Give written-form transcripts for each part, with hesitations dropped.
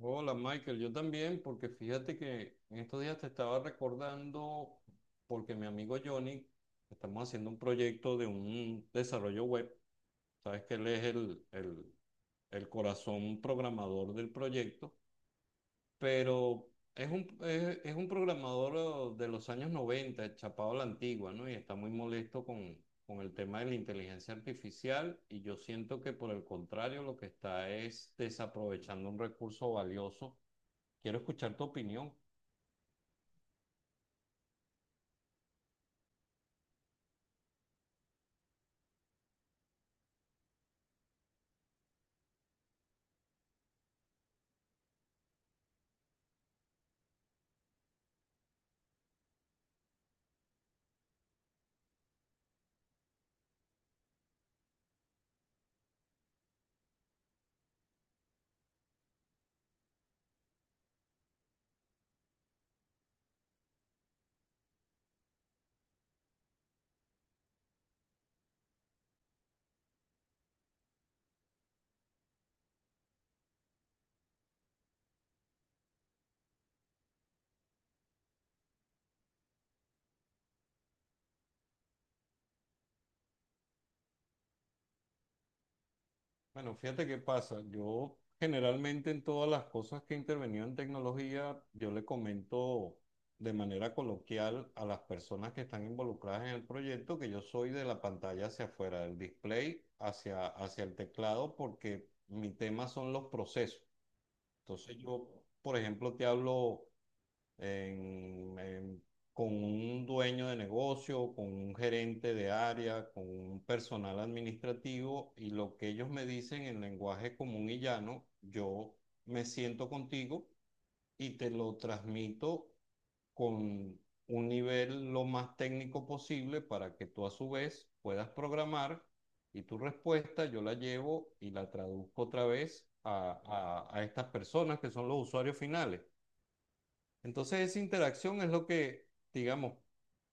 Hola Michael, yo también, porque fíjate que en estos días te estaba recordando, porque mi amigo Johnny, estamos haciendo un proyecto de un desarrollo web. Sabes que él es el corazón programador del proyecto, pero es un programador de los años 90, chapado a la antigua, ¿no? Y está muy molesto con el tema de la inteligencia artificial y yo siento que, por el contrario, lo que está es desaprovechando un recurso valioso. Quiero escuchar tu opinión. Bueno, fíjate qué pasa. Yo generalmente en todas las cosas que he intervenido en tecnología, yo le comento de manera coloquial a las personas que están involucradas en el proyecto que yo soy de la pantalla hacia afuera, del display hacia, hacia el teclado, porque mi tema son los procesos. Entonces yo, por ejemplo, te hablo en- en- con un dueño de negocio, con un gerente de área, con un personal administrativo, y lo que ellos me dicen en lenguaje común y llano, yo me siento contigo y te lo transmito con un nivel lo más técnico posible para que tú a su vez puedas programar, y tu respuesta yo la llevo y la traduzco otra vez a estas personas que son los usuarios finales. Entonces esa interacción es lo que, digamos,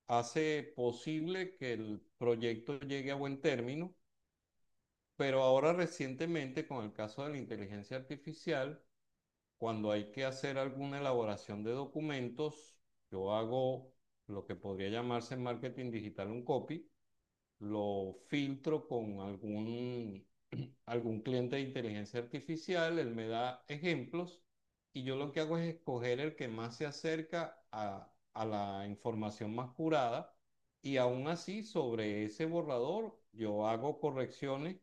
hace posible que el proyecto llegue a buen término, pero ahora recientemente, con el caso de la inteligencia artificial, cuando hay que hacer alguna elaboración de documentos, yo hago lo que podría llamarse en marketing digital un copy, lo filtro con algún cliente de inteligencia artificial, él me da ejemplos y yo lo que hago es escoger el que más se acerca a la información más curada, y aún así sobre ese borrador yo hago correcciones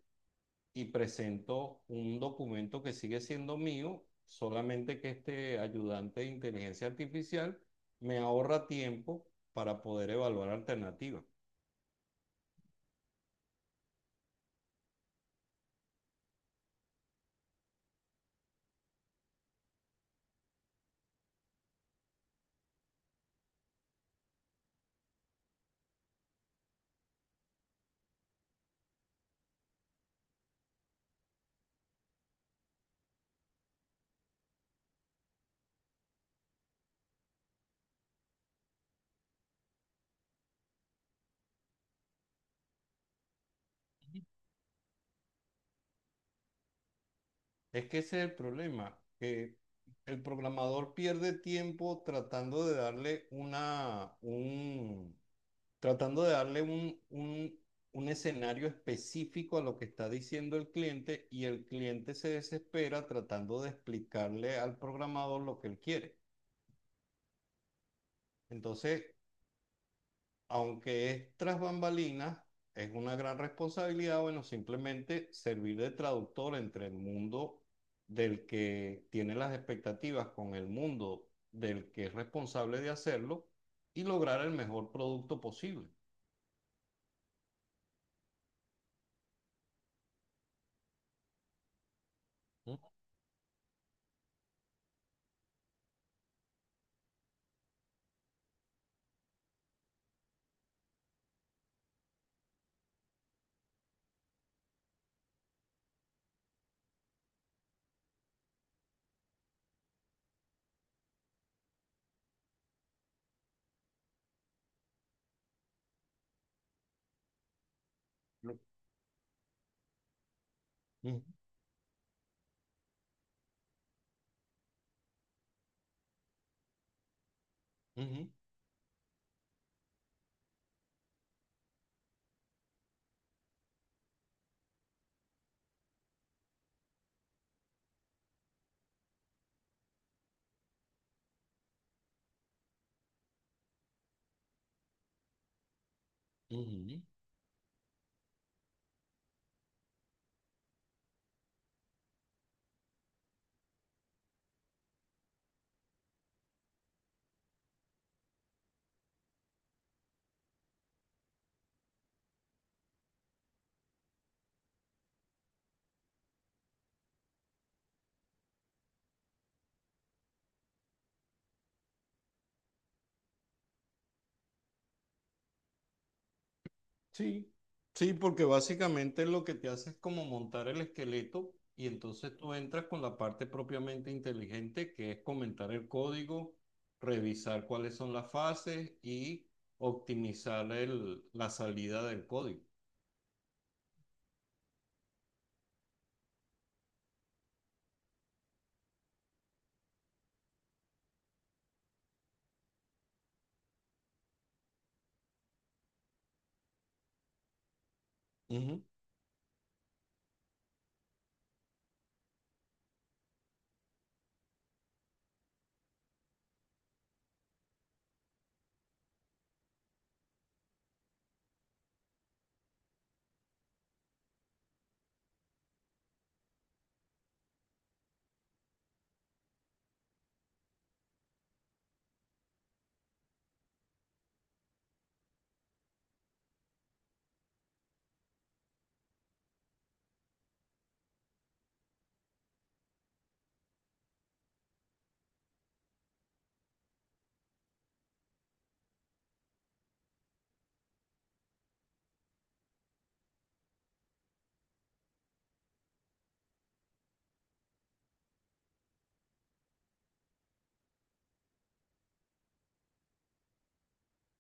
y presento un documento que sigue siendo mío, solamente que este ayudante de inteligencia artificial me ahorra tiempo para poder evaluar alternativas. Es que ese es el problema, que el programador pierde tiempo tratando de darle un escenario específico a lo que está diciendo el cliente, y el cliente se desespera tratando de explicarle al programador lo que él quiere. Entonces, aunque es tras bambalinas, es una gran responsabilidad, bueno, simplemente servir de traductor entre el mundo del que tiene las expectativas con el mundo del que es responsable de hacerlo y lograr el mejor producto posible. Ujú, ujú, ujú. Sí, sí, porque básicamente lo que te hace es como montar el esqueleto, y entonces tú entras con la parte propiamente inteligente, que es comentar el código, revisar cuáles son las fases y optimizar la salida del código. Ujú,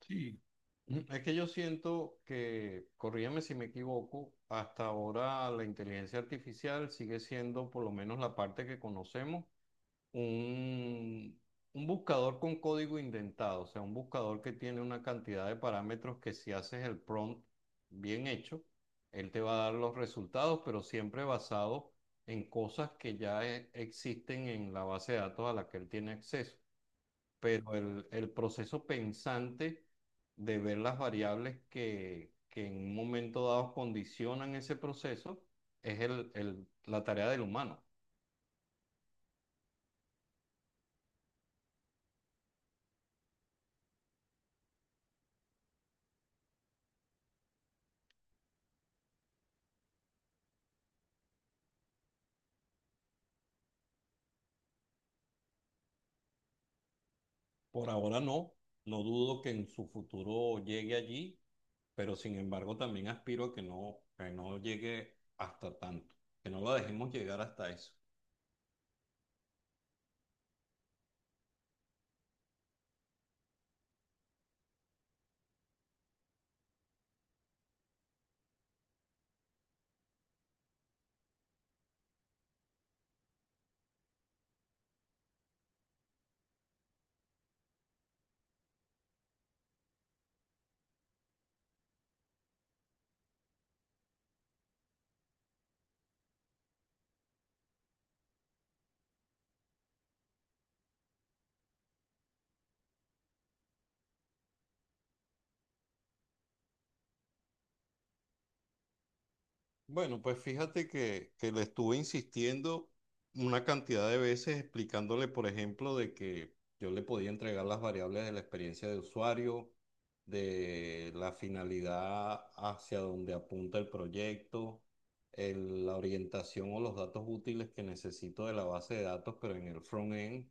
sí. Ujú. Es que yo siento que, corrígeme si me equivoco, hasta ahora la inteligencia artificial sigue siendo, por lo menos la parte que conocemos, un, un buscador con código indentado, o sea, un buscador que tiene una cantidad de parámetros que, si haces el prompt bien hecho, él te va a dar los resultados, pero siempre basado en cosas que ya existen en la base de datos a la que él tiene acceso. Pero el proceso pensante de ver las variables que en un momento dado condicionan ese proceso es la tarea del humano. Por ahora no, no dudo que en su futuro llegue allí, pero sin embargo también aspiro a que no llegue hasta tanto, que no la dejemos llegar hasta eso. Bueno, pues fíjate que le estuve insistiendo una cantidad de veces explicándole, por ejemplo, de que yo le podía entregar las variables de la experiencia de usuario, de la finalidad hacia donde apunta el proyecto, la orientación o los datos útiles que necesito de la base de datos, pero en el front-end,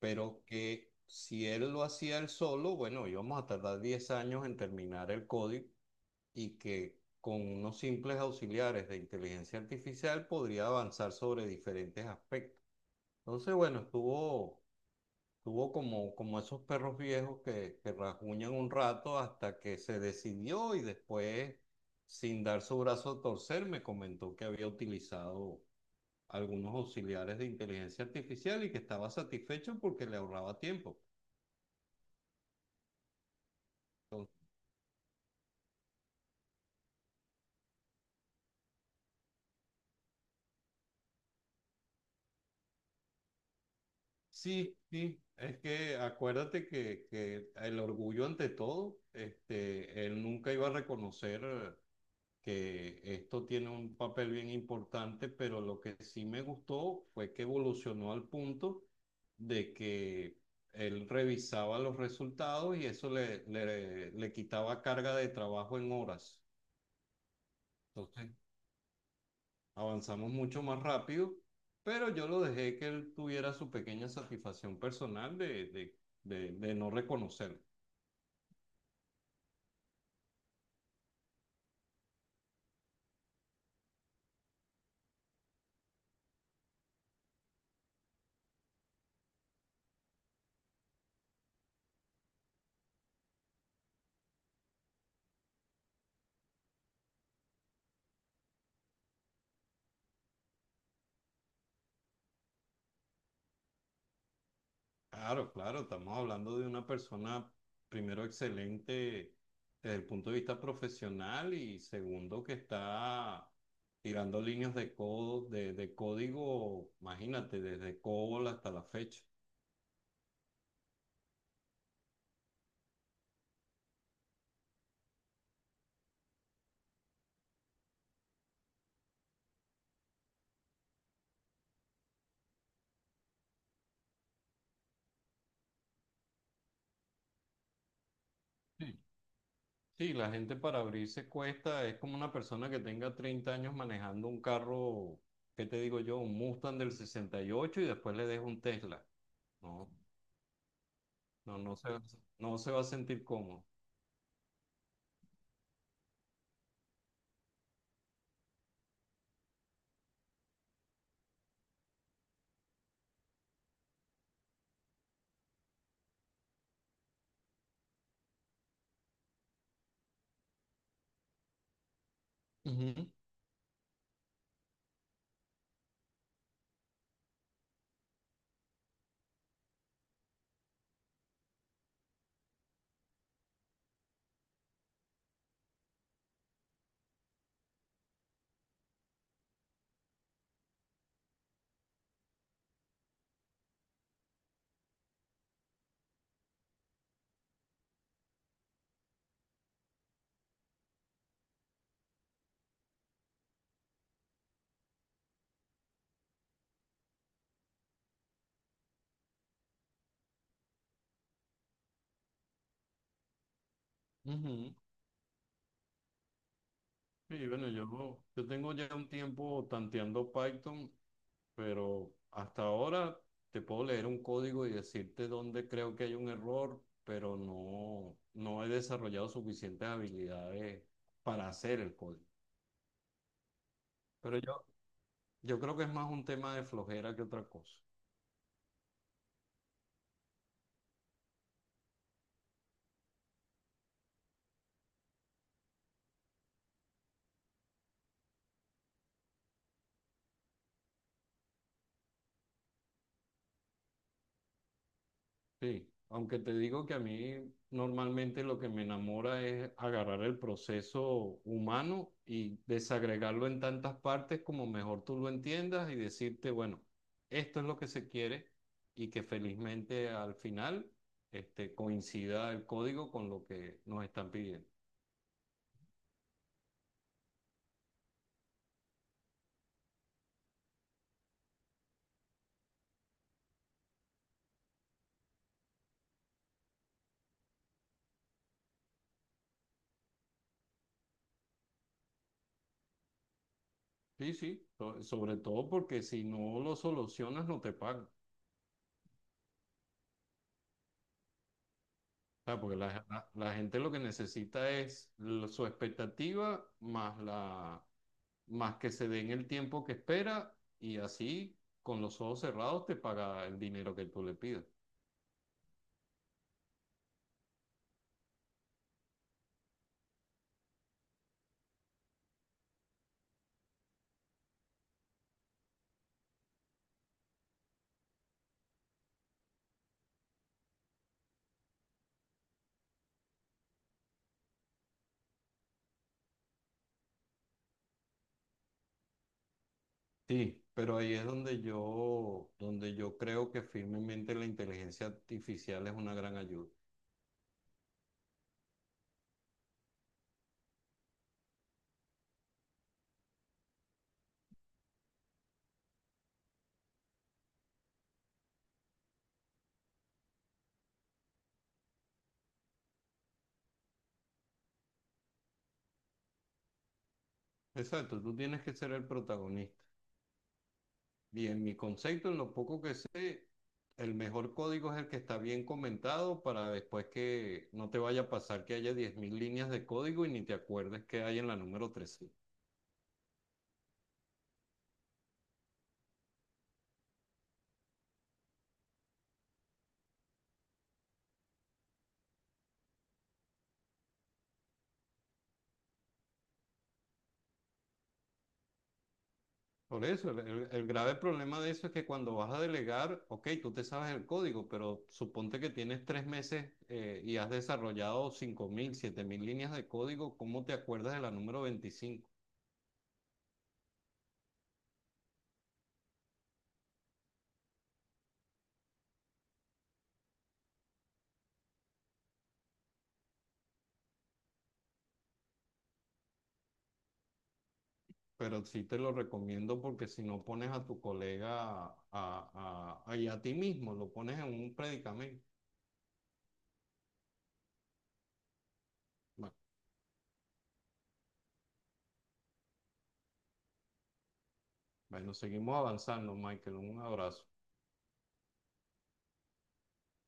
pero que si él lo hacía él solo, bueno, íbamos a tardar 10 años en terminar el código, y que con unos simples auxiliares de inteligencia artificial podría avanzar sobre diferentes aspectos. Entonces, bueno, estuvo como esos perros viejos que rasguñan un rato hasta que se decidió y, después, sin dar su brazo a torcer, me comentó que había utilizado algunos auxiliares de inteligencia artificial y que estaba satisfecho porque le ahorraba tiempo. Sí, sí, es que acuérdate que el orgullo ante todo, este, él nunca iba a reconocer que esto tiene un papel bien importante, pero lo que sí me gustó fue que evolucionó al punto de que él revisaba los resultados y eso le quitaba carga de trabajo en horas. Entonces, avanzamos mucho más rápido, pero yo lo dejé que él tuviera su pequeña satisfacción personal de no reconocer. Claro, claro, estamos hablando de una persona, primero, excelente desde el punto de vista profesional y, segundo, que está tirando líneas de código, imagínate, desde COBOL hasta la fecha. Sí, la gente para abrirse cuesta, es como una persona que tenga 30 años manejando un carro, ¿qué te digo yo? Un Mustang del 68 y ocho, y después le dejo un Tesla. No, no, no se va a sentir cómodo. Ujú, ujú. Sí, bueno, yo tengo ya un tiempo tanteando Python, pero hasta ahora te puedo leer un código y decirte dónde creo que hay un error, pero no he desarrollado suficientes habilidades para hacer el código. Pero yo creo que es más un tema de flojera que otra cosa. Sí, aunque te digo que a mí normalmente lo que me enamora es agarrar el proceso humano y desagregarlo en tantas partes como mejor tú lo entiendas y decirte, bueno, esto es lo que se quiere y que, felizmente, al final, este, coincida el código con lo que nos están pidiendo. Sí, sí, sobre todo porque si no lo solucionas no te pagan. Claro, porque la gente lo que necesita es su expectativa, más que se den el tiempo que espera y así, con los ojos cerrados, te paga el dinero que tú le pidas. Sí, pero ahí es donde yo creo que firmemente la inteligencia artificial es una gran ayuda. Exacto, tú tienes que ser el protagonista. Y en mi concepto, en lo poco que sé, el mejor código es el que está bien comentado, para después que no te vaya a pasar que haya 10.000 líneas de código y ni te acuerdes que hay en la número 13. Por eso, el grave problema de eso es que cuando vas a delegar, ok, tú te sabes el código, pero suponte que tienes 3 meses y has desarrollado cinco mil siete mil líneas de código, ¿cómo te acuerdas de la número 25? Pero sí te lo recomiendo, porque si no pones a tu colega y a ti mismo, lo pones en un predicamento. Bueno, bueno, seguimos avanzando, Michael. Un abrazo.